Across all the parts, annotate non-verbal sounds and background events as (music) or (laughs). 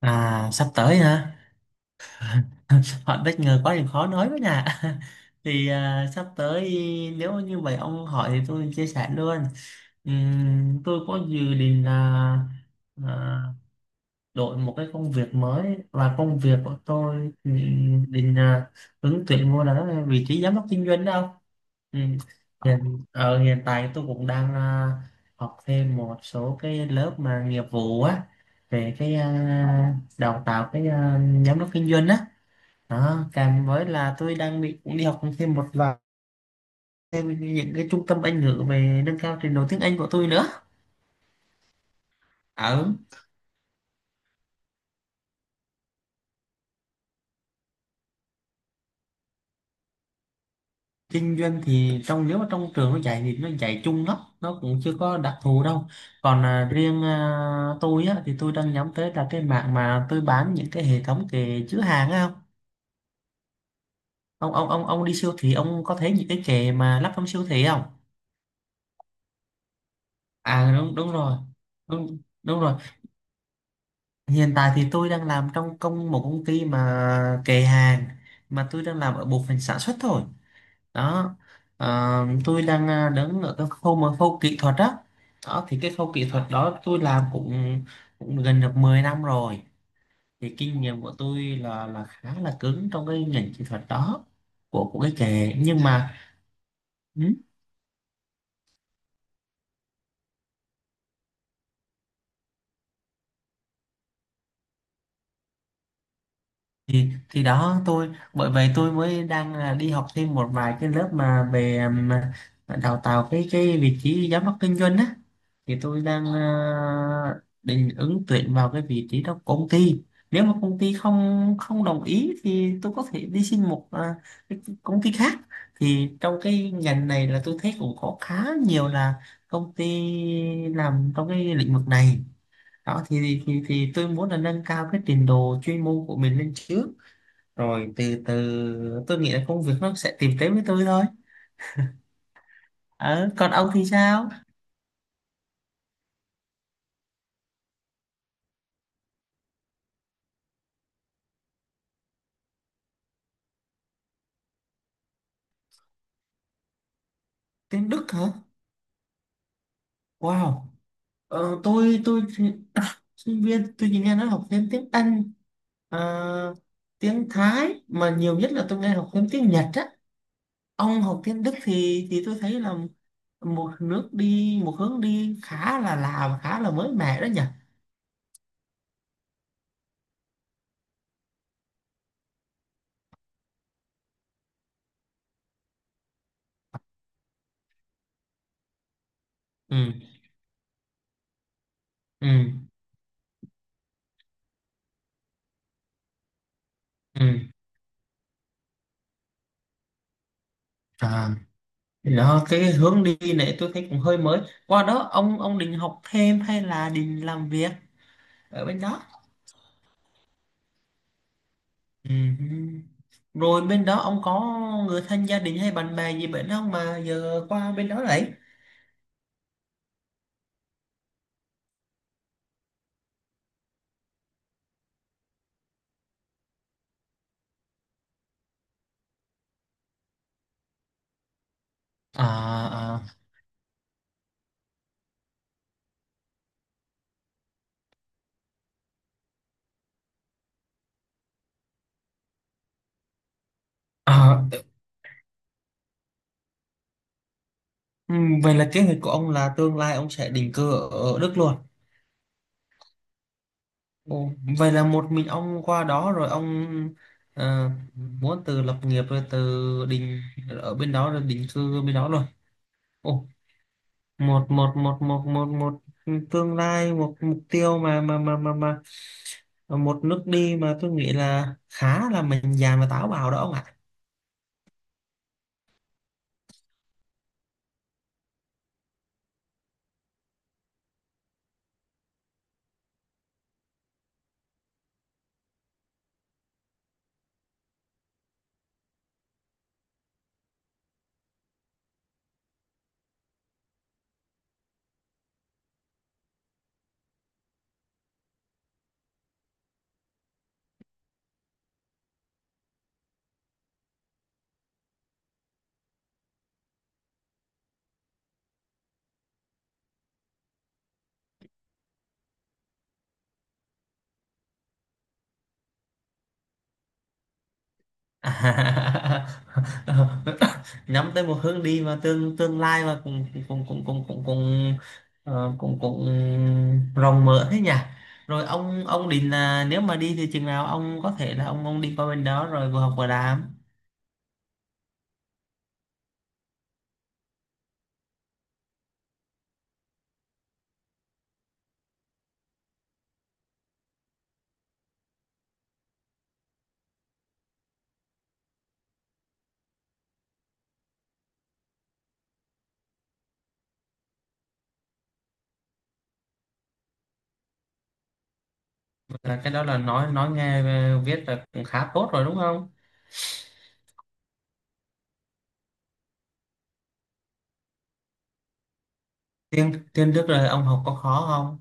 À, sắp tới hả? Họ bất ngờ quá thì khó nói với nè. (laughs) Thì sắp tới nếu như vậy ông hỏi thì tôi chia sẻ luôn. Tôi có dự định là à, đổi một cái công việc mới, và công việc của tôi định ứng tuyển vô là đó là vị trí giám đốc kinh doanh đâu. Ừm, Ở hiện tại tôi cũng đang học thêm một số cái lớp mà nghiệp vụ á, về cái đào tạo cái giám đốc kinh doanh á, đó, kèm với là tôi đang định cũng đi học thêm một vài thêm những cái trung tâm Anh ngữ về nâng cao trình độ tiếng Anh của tôi nữa. Ở kinh doanh thì trong, nếu mà trong trường nó dạy thì nó dạy chung lắm, nó cũng chưa có đặc thù đâu. Còn riêng tôi á, thì tôi đang nhắm tới là cái mạng mà tôi bán những cái hệ thống kệ chứa hàng á. Không, ông đi siêu thị ông có thấy những cái kệ mà lắp trong siêu thị không? Đúng đúng rồi, đúng đúng rồi. Hiện tại thì tôi đang làm trong một công ty mà kệ hàng, mà tôi đang làm ở bộ phận sản xuất thôi, đó. Tôi đang đứng ở cái khâu mà khâu kỹ thuật đó. Đó thì cái khâu kỹ thuật đó tôi làm cũng gần được 10 năm rồi. Thì kinh nghiệm của tôi là khá là cứng trong cái ngành kỹ thuật đó, của cái kệ, nhưng mà ừ, thì đó, tôi bởi vậy tôi mới đang là đi học thêm một vài cái lớp mà về đào tạo cái vị trí giám đốc kinh doanh á. Thì tôi đang định ứng tuyển vào cái vị trí đó của công ty. Nếu mà công ty không không đồng ý thì tôi có thể đi xin một cái công ty khác. Thì trong cái ngành này là tôi thấy cũng có khá nhiều là công ty làm trong cái lĩnh vực này. Đó thì thì tôi muốn là nâng cao cái trình độ chuyên môn của mình lên trước, rồi từ từ tôi nghĩ là công việc nó sẽ tìm tới với tôi thôi. Ờ, còn ông thì sao? Tiếng Đức hả? Wow. Tôi (coughs) sinh viên tôi chỉ nghe nói học thêm tiếng Anh, ờ, tiếng Thái, mà nhiều nhất là tôi nghe học thêm tiếng Nhật á. Ông học tiếng Đức thì tôi thấy là một nước đi, một hướng đi khá là lạ và khá là mới mẻ đó nhỉ. Ừ. Ừ. Ừ. À. Thì đó, cái hướng đi này tôi thấy cũng hơi mới. Qua đó ông định học thêm hay là định làm việc ở bên đó? Ừm. Rồi bên đó ông có người thân, gia đình hay bạn bè gì bên đó không mà giờ qua bên đó đấy? À. À. À. Vậy là kế hoạch của ông là tương lai ông sẽ định cư ở Đức luôn? Ồ, vậy là một mình ông qua đó, rồi ông muốn từ lập nghiệp rồi từ định ở bên đó rồi định cư bên đó luôn. Ồ, một một một một một một tương lai, một mục tiêu mà một nước đi mà tôi nghĩ là khá là mình dạn và táo bạo đó ông ạ. (laughs) Nhắm tới một hướng đi mà tương tương lai mà cũng cũng cũng cũng cũng cũng cũng cũng rộng mở thế nhỉ. Rồi ông định là nếu mà đi thì chừng nào ông có thể là ông đi qua bên đó rồi vừa học vừa làm? Là cái đó là nói nghe viết là cũng khá tốt rồi đúng không? Tiếng tiếng Đức là ông học có khó không?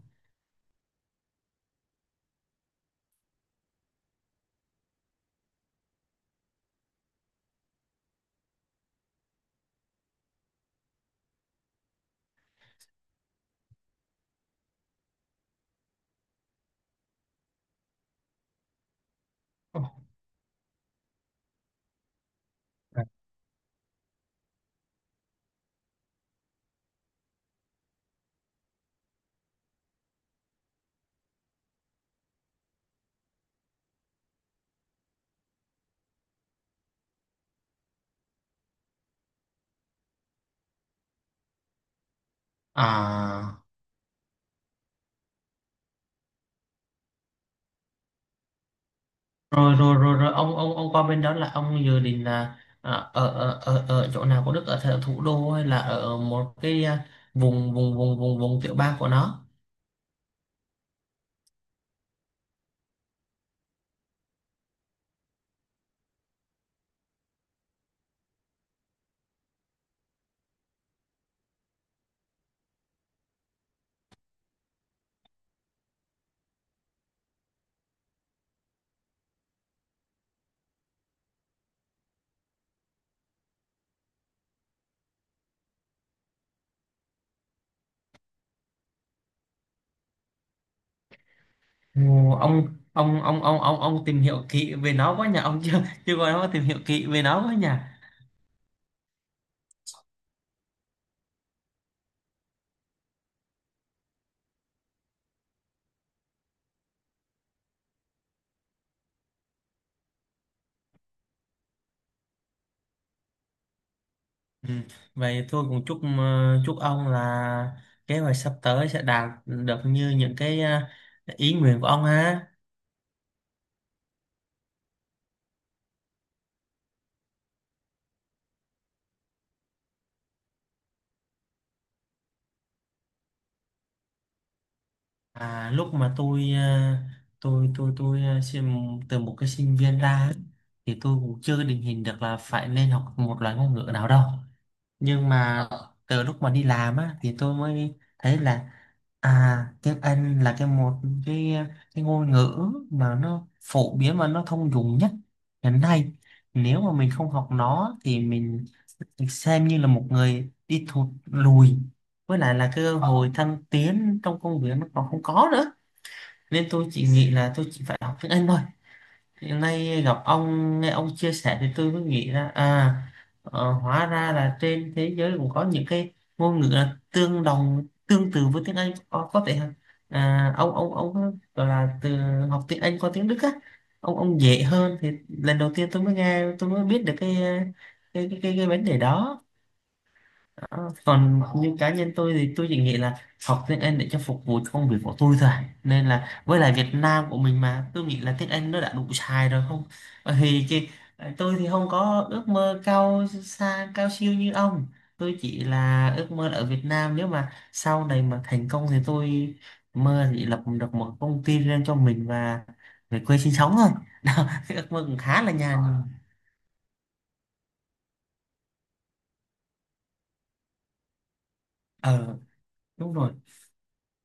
à rồi rồi rồi rồi ông qua bên đó là ông dự định là ở, ở chỗ nào của Đức, ở thủ đô hay là ở một cái vùng vùng vùng vùng vùng tiểu bang của nó? Ồ, ông ông tìm hiểu kỹ về nó quá nhỉ, ông chưa chưa có nó tìm hiểu kỹ về nó quá nhỉ. Ừ. Vậy tôi cũng chúc chúc ông là kế hoạch sắp tới sẽ đạt được như những cái ý nguyện của ông ha. À, lúc mà tôi tôi từ một cái sinh viên ra ấy, thì tôi cũng chưa định hình được là phải nên học một loại ngôn ngữ nào đâu. Nhưng mà từ lúc mà đi làm á thì tôi mới thấy là tiếng Anh là cái cái ngôn ngữ mà nó phổ biến và nó thông dụng nhất hiện nay. Nếu mà mình không học nó thì mình xem như là một người đi thụt lùi, với lại là cơ hội thăng tiến trong công việc nó còn không có nữa, nên tôi chỉ nghĩ là tôi chỉ phải học tiếng Anh thôi. Hiện nay gặp ông nghe ông chia sẻ thì tôi mới nghĩ ra hóa ra là trên thế giới cũng có những cái ngôn ngữ là tương đồng, tương tự với tiếng Anh, có thể ông gọi là từ học tiếng Anh qua tiếng Đức á, ông dễ hơn. Thì lần đầu tiên tôi mới nghe, tôi mới biết được cái vấn đề đó. Đó, còn như cá nhân tôi thì tôi chỉ nghĩ là học tiếng Anh để cho phục vụ cho công việc của tôi thôi, nên là với lại Việt Nam của mình mà tôi nghĩ là tiếng Anh nó đã đủ xài rồi không. Bởi vì cái tôi thì không có ước mơ cao xa, cao siêu như ông, tôi chỉ là ước mơ là ở Việt Nam nếu mà sau này mà thành công thì tôi mơ thì lập được một công ty riêng cho mình và về quê sinh sống thôi. (laughs) Đó, cái ước mơ cũng khá là nhàn. Ờ, đúng rồi.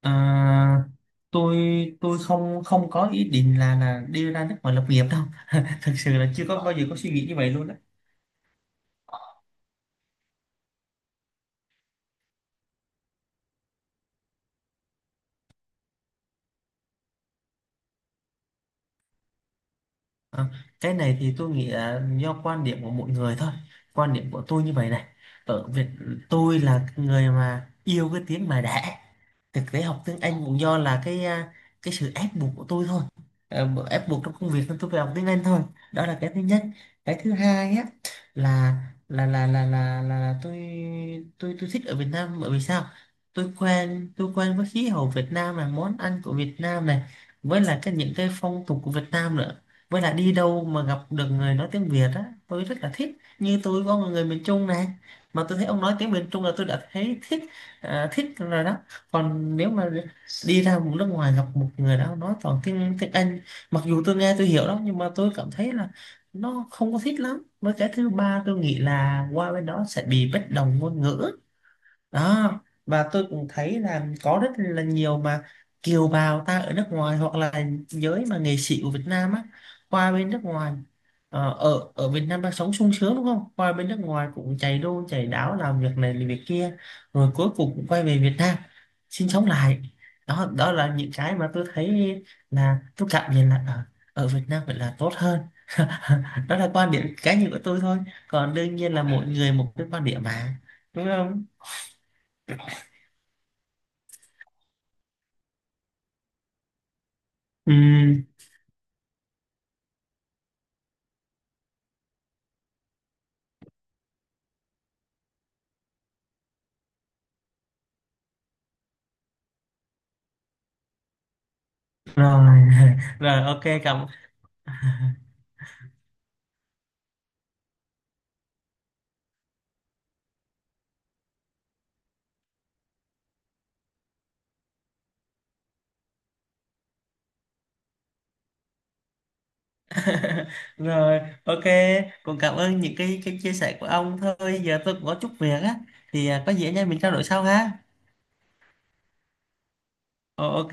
À, tôi tôi không không có ý định là đi ra nước ngoài lập nghiệp đâu. (laughs) Thật sự là chưa có bao giờ có suy nghĩ như vậy luôn đó. Ờ, cái này thì tôi nghĩ là do quan điểm của mỗi người thôi, quan điểm của tôi như vậy này. Ở Việt Tôi là người mà yêu cái tiếng mà đẻ, thực tế học tiếng Anh cũng do là cái cái sự ép buộc của tôi thôi. Ờ, ép buộc trong công việc nên tôi phải học tiếng Anh thôi, đó là cái thứ nhất. Cái thứ hai á là là tôi thích ở Việt Nam, bởi vì sao? Tôi quen với khí hậu Việt Nam này, món ăn của Việt Nam này, với là cái những cái phong tục của Việt Nam nữa. Với lại đi đâu mà gặp được người nói tiếng Việt á tôi rất là thích. Như tôi có một người miền Trung này, mà tôi thấy ông nói tiếng miền Trung là tôi đã thấy thích thích rồi đó. Còn nếu mà đi ra một nước ngoài gặp một người đó nói toàn tiếng tiếng Anh, mặc dù tôi nghe tôi hiểu đó nhưng mà tôi cảm thấy là nó không có thích lắm. Với cái thứ ba tôi nghĩ là qua bên đó sẽ bị bất đồng ngôn ngữ, đó. Và tôi cũng thấy là có rất là nhiều mà kiều bào ta ở nước ngoài hoặc là giới mà nghệ sĩ của Việt Nam á qua bên nước ngoài, ờ, ở ở Việt Nam đang sống sung sướng đúng không, qua bên nước ngoài cũng chạy đu chạy đáo làm việc này làm việc kia, rồi cuối cùng cũng quay về Việt Nam sinh sống lại. Đó, đó là những cái mà tôi thấy là tôi cảm nhận là ở Việt Nam phải là tốt hơn. (laughs) Đó là quan điểm cá nhân của tôi thôi, còn đương nhiên là mỗi người một cái quan điểm mà, đúng không? Ừ, rồi. (laughs) Rồi, ok, cảm... (laughs) Rồi, ok, cũng cảm ơn những cái chia sẻ của ông thôi, giờ tôi cũng có chút việc á, thì có gì anh em mình trao đổi sau ha. Ờ, ok.